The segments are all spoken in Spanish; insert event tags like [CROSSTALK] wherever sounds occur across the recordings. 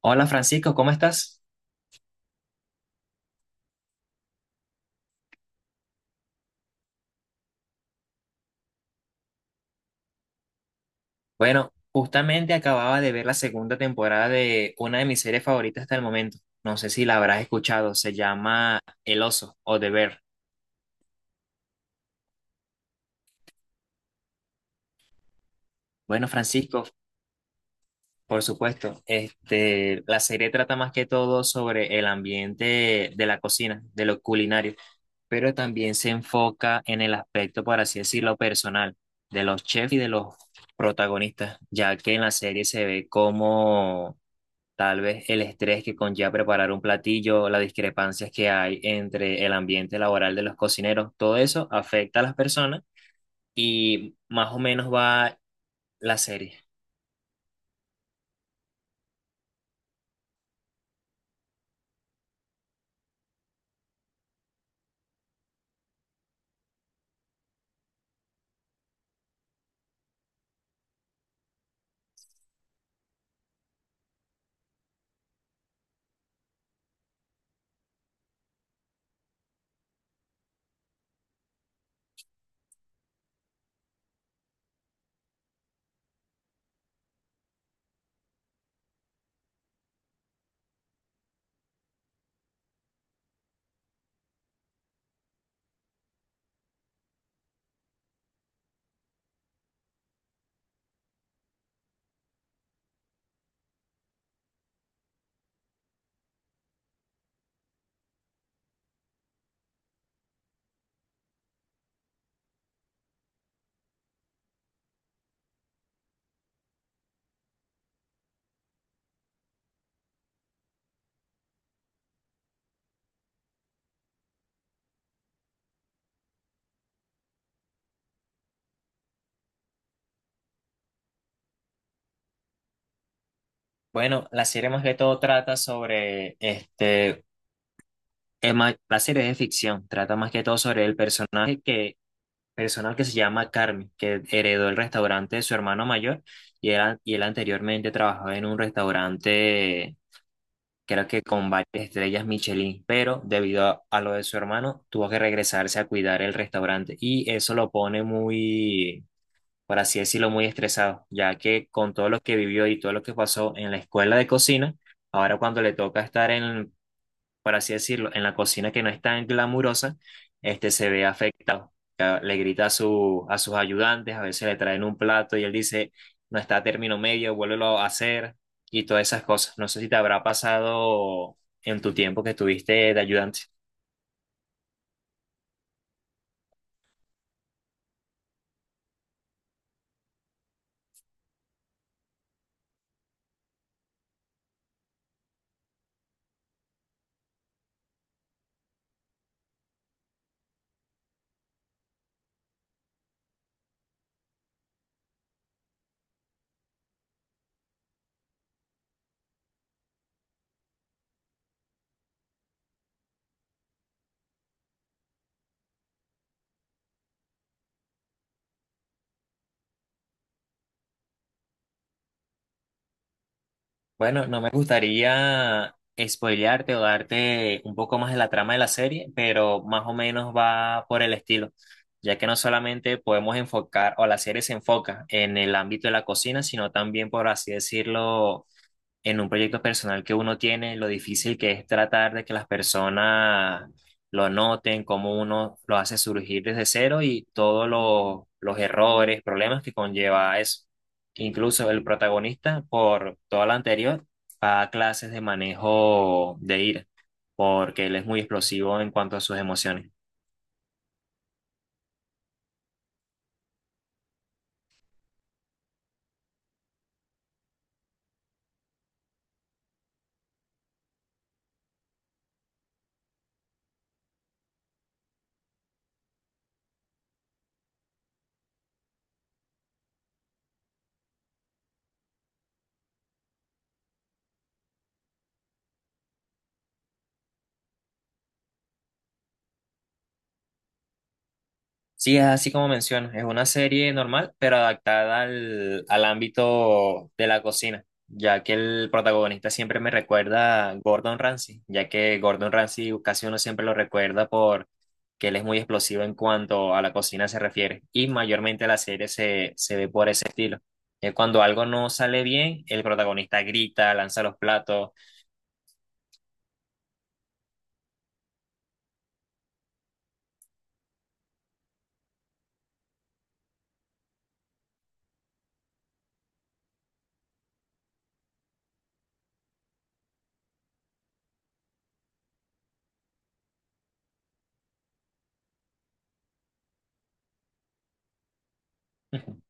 Hola Francisco, ¿cómo estás? Bueno, justamente acababa de ver la segunda temporada de una de mis series favoritas hasta el momento. No sé si la habrás escuchado, se llama El Oso o The Bear. Bueno, Francisco, por supuesto, la serie trata más que todo sobre el ambiente de la cocina, de lo culinario, pero también se enfoca en el aspecto, por así decirlo, personal de los chefs y de los protagonistas, ya que en la serie se ve cómo tal vez el estrés que conlleva preparar un platillo, las discrepancias que hay entre el ambiente laboral de los cocineros, todo eso afecta a las personas y más o menos va la serie. Bueno, la serie más que todo trata sobre la serie es de ficción, trata más que todo sobre el personal que se llama Carmen, que heredó el restaurante de su hermano mayor y él anteriormente trabajaba en un restaurante creo que con varias estrellas Michelin, pero debido a lo de su hermano, tuvo que regresarse a cuidar el restaurante y eso lo pone muy, por así decirlo, muy estresado, ya que con todo lo que vivió y todo lo que pasó en la escuela de cocina, ahora cuando le toca estar en, por así decirlo, en la cocina que no es tan glamurosa, este se ve afectado. Le grita a, su, a sus ayudantes. A veces le traen un plato y él dice, no está a término medio, vuélvelo a hacer y todas esas cosas. No sé si te habrá pasado en tu tiempo que estuviste de ayudante. Bueno, no me gustaría spoilearte o darte un poco más de la trama de la serie, pero más o menos va por el estilo, ya que no solamente podemos enfocar, o la serie se enfoca en el ámbito de la cocina, sino también, por así decirlo, en un proyecto personal que uno tiene, lo difícil que es tratar de que las personas lo noten, cómo uno lo hace surgir desde cero y todos los errores, problemas que conlleva eso. Incluso el protagonista, por toda la anterior, va a clases de manejo de ira, porque él es muy explosivo en cuanto a sus emociones. Sí, es así como mencionas, es una serie normal, pero adaptada al ámbito de la cocina, ya que el protagonista siempre me recuerda a Gordon Ramsay, ya que Gordon Ramsay casi uno siempre lo recuerda por que él es muy explosivo en cuanto a la cocina se refiere, y mayormente la serie se ve por ese estilo. Es cuando algo no sale bien, el protagonista grita, lanza los platos. [LAUGHS]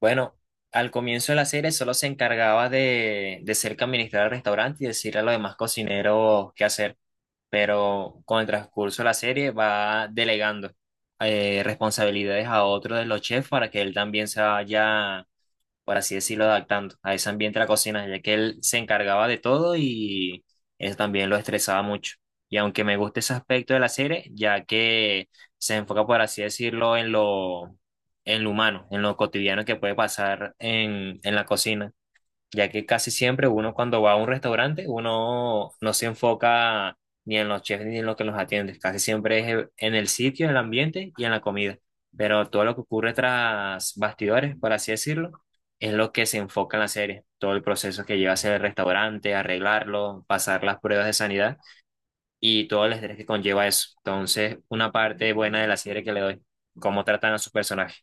Bueno, al comienzo de la serie solo se encargaba de ser que administrar el restaurante y decirle a los demás cocineros qué hacer, pero con el transcurso de la serie va delegando responsabilidades a otro de los chefs para que él también se vaya, por así decirlo, adaptando a ese ambiente de la cocina, ya que él se encargaba de todo y eso también lo estresaba mucho. Y aunque me gusta ese aspecto de la serie, ya que se enfoca, por así decirlo, en lo humano, en lo cotidiano que puede pasar en la cocina, ya que casi siempre uno cuando va a un restaurante, uno no se enfoca ni en los chefs ni en lo que los atiende, casi siempre es en el sitio, en el ambiente y en la comida, pero todo lo que ocurre tras bastidores, por así decirlo, es lo que se enfoca en la serie, todo el proceso que lleva hacia el restaurante, arreglarlo, pasar las pruebas de sanidad y todo el estrés que conlleva eso. Entonces, una parte buena de la serie que le doy, cómo tratan a sus personajes.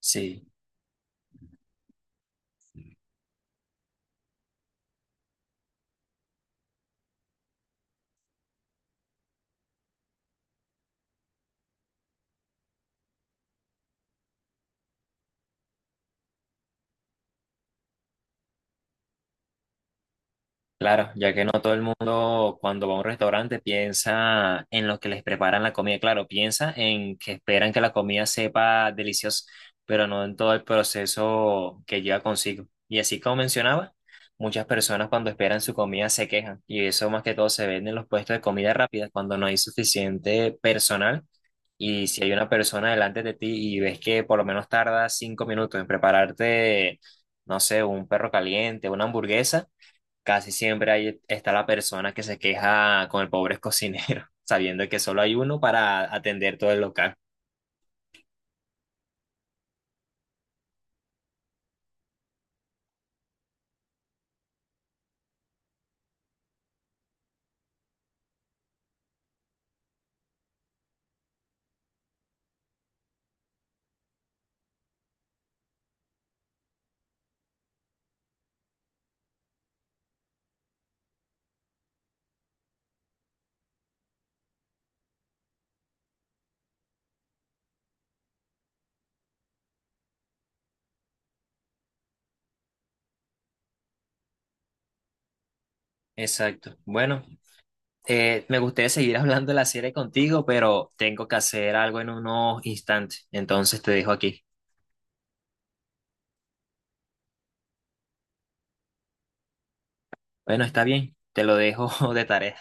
Sí. Claro, ya que no todo el mundo cuando va a un restaurante piensa en lo que les preparan la comida, claro, piensa en que esperan que la comida sepa deliciosa, pero no en todo el proceso que lleva consigo. Y así como mencionaba, muchas personas cuando esperan su comida se quejan y eso más que todo se ve en los puestos de comida rápida cuando no hay suficiente personal y si hay una persona delante de ti y ves que por lo menos tarda 5 minutos en prepararte, no sé, un perro caliente, una hamburguesa. Casi siempre ahí está la persona que se queja con el pobre cocinero, [LAUGHS] sabiendo que solo hay uno para atender todo el local. Exacto. Bueno, me gustaría seguir [LAUGHS] hablando de la serie contigo, pero tengo que hacer algo en unos instantes. Entonces te dejo aquí. Bueno, está bien, te lo dejo [LAUGHS] de tarea.